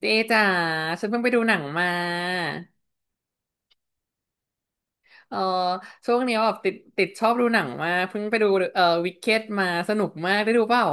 เจ๊จ๋าฉันเพิ่งไปดูหนังมาเออช่วงนี้แบบติดชอบดูหนังมากเพิ่งไปดูวิกเก็ตมาสนุกมากได้ดูเปล่า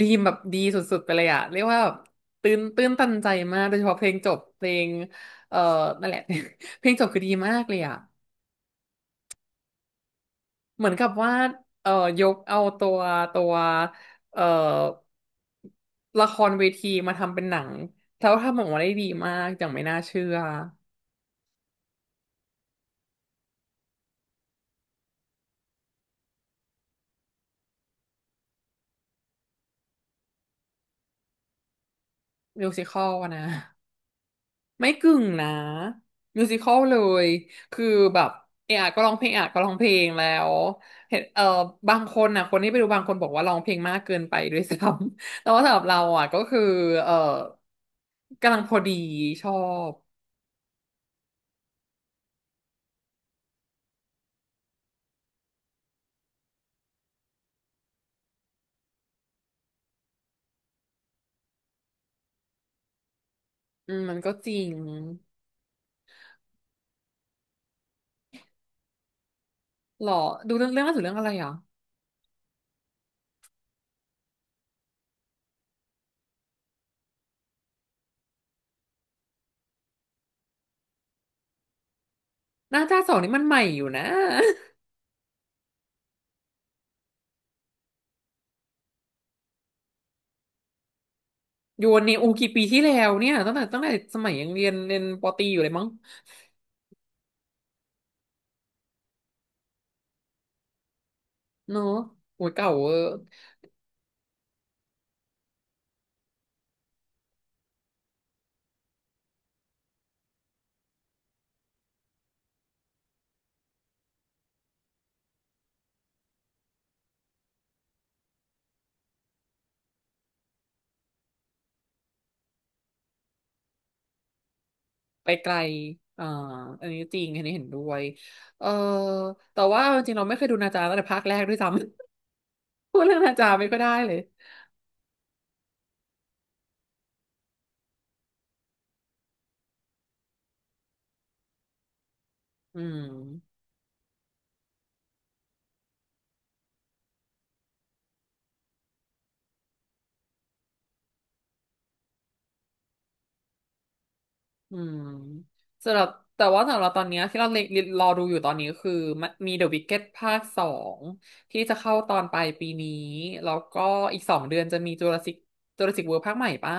ดีมแบบดีสุดๆไปเลยอะเรียกว่าแบบตื่นตันใจมากโดยเฉพาะเพลงจบเพลงเอ่อนั่นแหละ เพลงจบคือดีมากเลยอะเหมือนกับว่าเอ่อยกเอาตัวเอ่อละครเวทีมาทำเป็นหนังแล้วทำออกมาได้ดีมากอย่างไม่น่าเชื่อมิวสิคอลนะ ไม่กึ่งนะมิวสิค l ลเลยคือแบบเอะอะก็ร้องเพลงเอะอะก็ร้องเพลงแล้วเห็นบางคนนะคนที่ไปดูบางคนบอกว่าร้องเพลงมากเกินไปด้วยซ้ำ แต่ว่าสำหรับเราอ่ะก็คือเออกำลังพอดีชอบอืมมันก็จริงหรอดูเรื่องล่าสุดเรื่องอะไรอ่ะหน้าจ้าสองนี่มันใหม่อยู่นะ โยนในอูกี่ปีที่แล้วเนี่ยตั้งแต่สมัยยังเรียนปอตรีอยู่เลยมั้งเนอะโอ้ยเก่าเวอร์ ไปไกลอ่าอันนี้จริงอันนี้เห็นด้วยเออแต่ว่าจริงๆเราไม่เคยดูนาจาตั้งแต่ภาคแรกด้วยซ้ำ พูดเรื่องนาจาไม่ค่อยได้เลยอืมอืมสำหรับแต่ว่าสำหรับตอนเนี้ยที่เราเล็งรอดูอยู่ตอนนี้คือมันมี The Wicked ภาคสองที่จะเข้าตอนปลายปีนี้แล้วก็อีกสองเดือนจะมี Jurassic World ภาคใหม่ปะ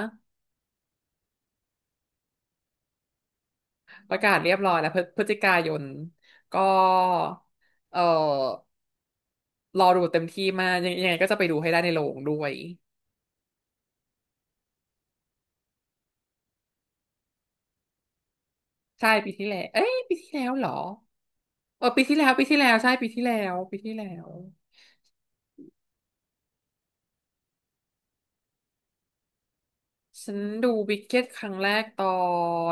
ประกาศเรียบร้อยแล้วพฤศจิกายนก็เออรอดูเต็มที่มากยังยังไงก็จะไปดูให้ได้ในโรงด้วย ใช่ปีที่แล้ว เอ้ยปีที่แล้วเหรอเออปีที่แล้วปีที่แล้วใช่ปีที่แล้วปีที่แล้ว ฉันดูวิกเก็ตครั้งแรกตอ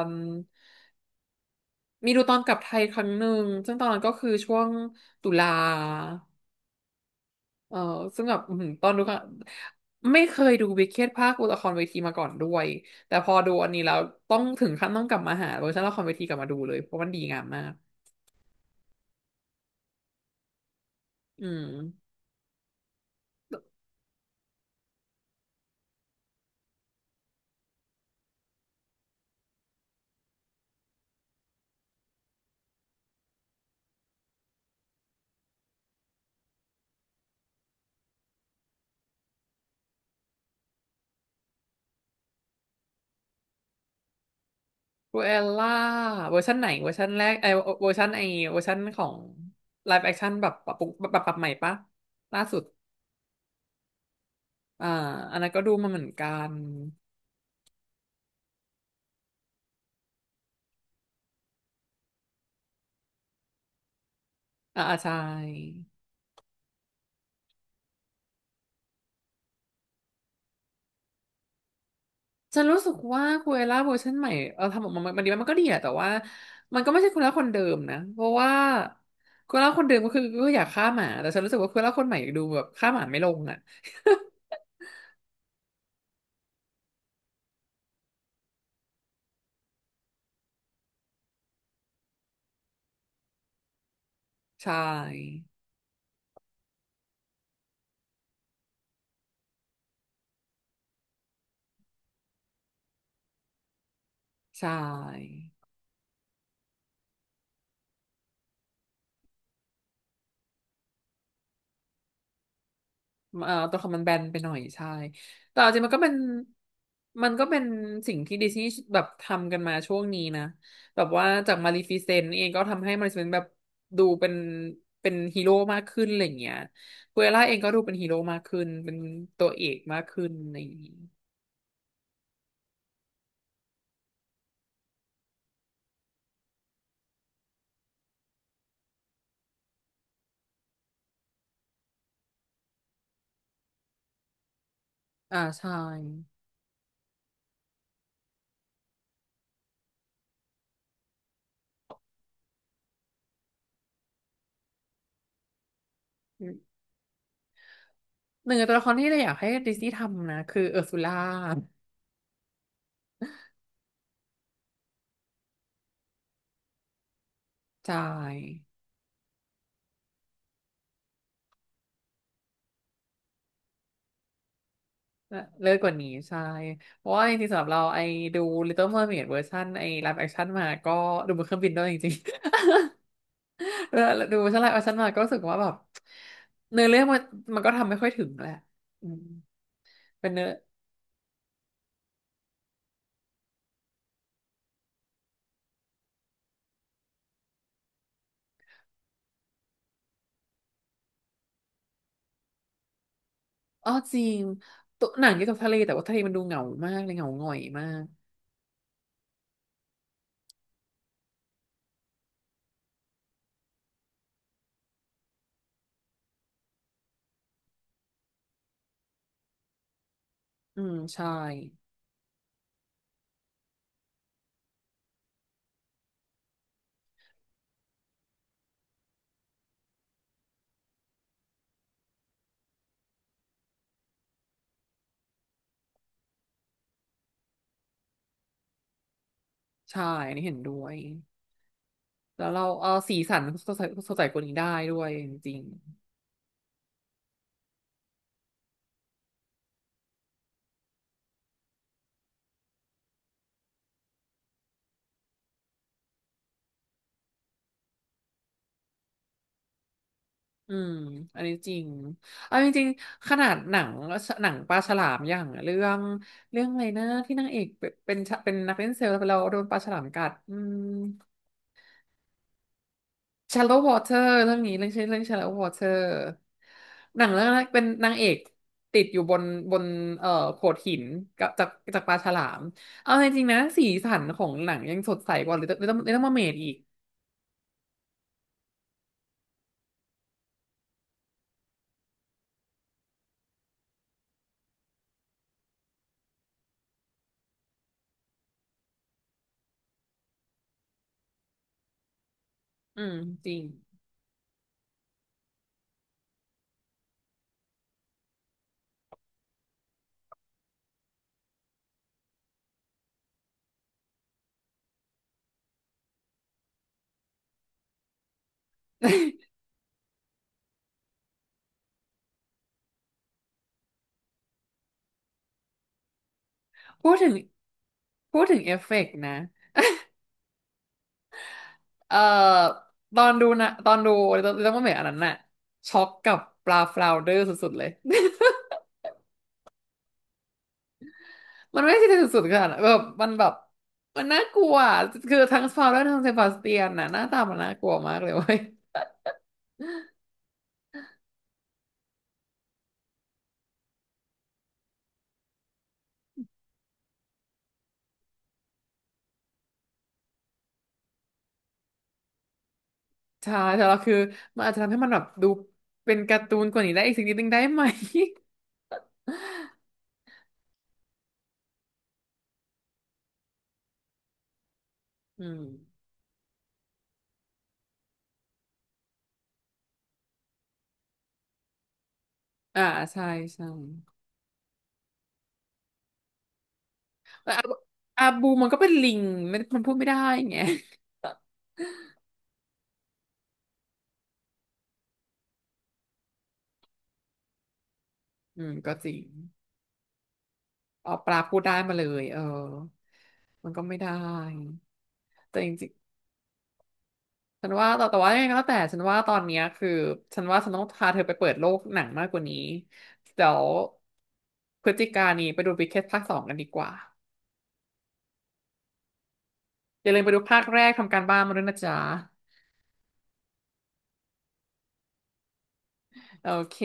นมีดูตอนกลับไทยครั้งหนึ่งซึ่งตอนนั้นก็คือช่วงตุลาเออซึ่งแบบอื้อหือตอนดูครั้งไม่เคยดูวิกเก็ตภาคละครเวทีมาก่อนด้วยแต่พอดูอันนี้แล้วต้องถึงขั้นต้องกลับมาหาเวอร์ชันละครเวทีกลับมาดูเลยเพราะมันดีงามมากอืม ครูเอลล่าเวอร์ชันไหนเวอร์ชันแรกไอเวอร์ชันไอเวอร์ชันของไลฟ์แอคชั่นแบบปรับปรุงปรับใหม่ปะล่าสุดอ่าอันนั้นก็ดูมาเหมือนกันอ่าอ่าใช่ฉันรู้สึกว่าคูเอล่าเวอร์ชันใหม่ทำออกมามันดีมันก็ดีอะแต่ว่ามันก็ไม่ใช่คูเอล่าคนเดิมนะเพราะว่าคูเอล่าคนเดิมก็คือก็อยากฆ่าหมาแต่ฉันรู้สึกว่าคูเอล่าคนใหม่ดูแบบฆ่าหมาไม่ลงอะ ใช่ใช่ ตัวคำมันแบนไปหน่อยใช่แต่เอาจริงมันก็เป็นสิ่งที่ดิสนีย์แบบทำกันมาช่วงนี้นะแบบว่าจากมาลีฟิเซนต์เองก็ทำให้มาลีฟิเซนต์แบบดูเป็นฮีโร่มากขึ้นอะไรอย่างเงี้ยคุเอล่าเองก็ดูเป็นฮีโร่มากขึ้นเป็นตัวเอกมากขึ้นในี้อ่าใช่หนึ่งในตัวละครที่เราอยากให้ดิสนีย์ทำนะคือเออร์ซูล่าใช่ เลิศกว่านี้ใช่เพราะว่าจริงๆสำหรับเราไอ้ดู Little Mermaid เวอร์ชันไอ้ live action มาก็ดูบนเครื่องบินด้วยจริงๆ ดูดูเวอร์ชัน live action มาก็รู้สึกว่าแบบเนื้อเรื่องมันมันก็ทำไม่ค่อยถึงแหละอืมเป็นเนื้ออ๋อจริงตัวหนังเกี่ยวกับทะเลแต่ว่าทะเลมันดูเหงามากเลยเหงาหงอยมาก อืมใช่ใช่อันนี้เห็นด้วยแล้วเราเอาสีสันสดใสสดใสกว่านี้ได้ด้วยจริง อืมอันนี้จริงเอาจริงๆขนาดหนังปลาฉลามอย่างเรื่องอะไรนะที่นางเอกเป็นเป็นนักเล่นเซลล์แล้วโดนปลาฉลามกัดอืม Shallow Water เรื่องนี้เรื่องชื่อเรื่อง Shallow Water หนังเรื่องนั้นเป็นนางเอกติดอยู่บนโขดหินกับจากปลาฉลามเอาจริงๆนะสีสันของหนังยังสดใสกว่าลิตเติ้ลมาเมดอีกอืมจริง พูดถึงพูดถึงเอฟเฟกต์นะ เอ่อตอนดูเรื่องว่าเหมือนอันนั้นน่ะช็อกกับปลาฟลาวเดอร์สุดๆเลย มันไม่ใช่สุดๆขนาดนั้นแบบมันน่ากลัวอะคือทั้งฟลาวแลทั้งเซบาสเตียนน่ะหน้าตามันน่ากลัวมากเลยเว้ย ใช่แต่เราคือมันอาจจะทำให้มันแบบดูเป็นการ์ตูนกว่านี้ได้อีกสักนิดนึงได้ไหม อืมอ่าใช่ใช่แต่อาบูอาบูมันก็เป็นลิงไม่มันพูดไม่ได้ไง อืมก็จริงเอาปลาพูดได้มาเลยเออมันก็ไม่ได้ แต่จริงๆฉันว่าแต่แต่ว่ายังไงก็แล้วแต่ฉันว่าตอนเนี้ยคือฉันว่าฉันต้องพาเธอไปเปิดโลกหนังมากกว่านี้เดี๋ยวพฤศจิกายนนี้ไปดูวิกเก็ตภาคสองกันดีกว่าอย่าลืมไปดูภาคแรกทำการบ้านมาด้วยนะจ๊ะโอเค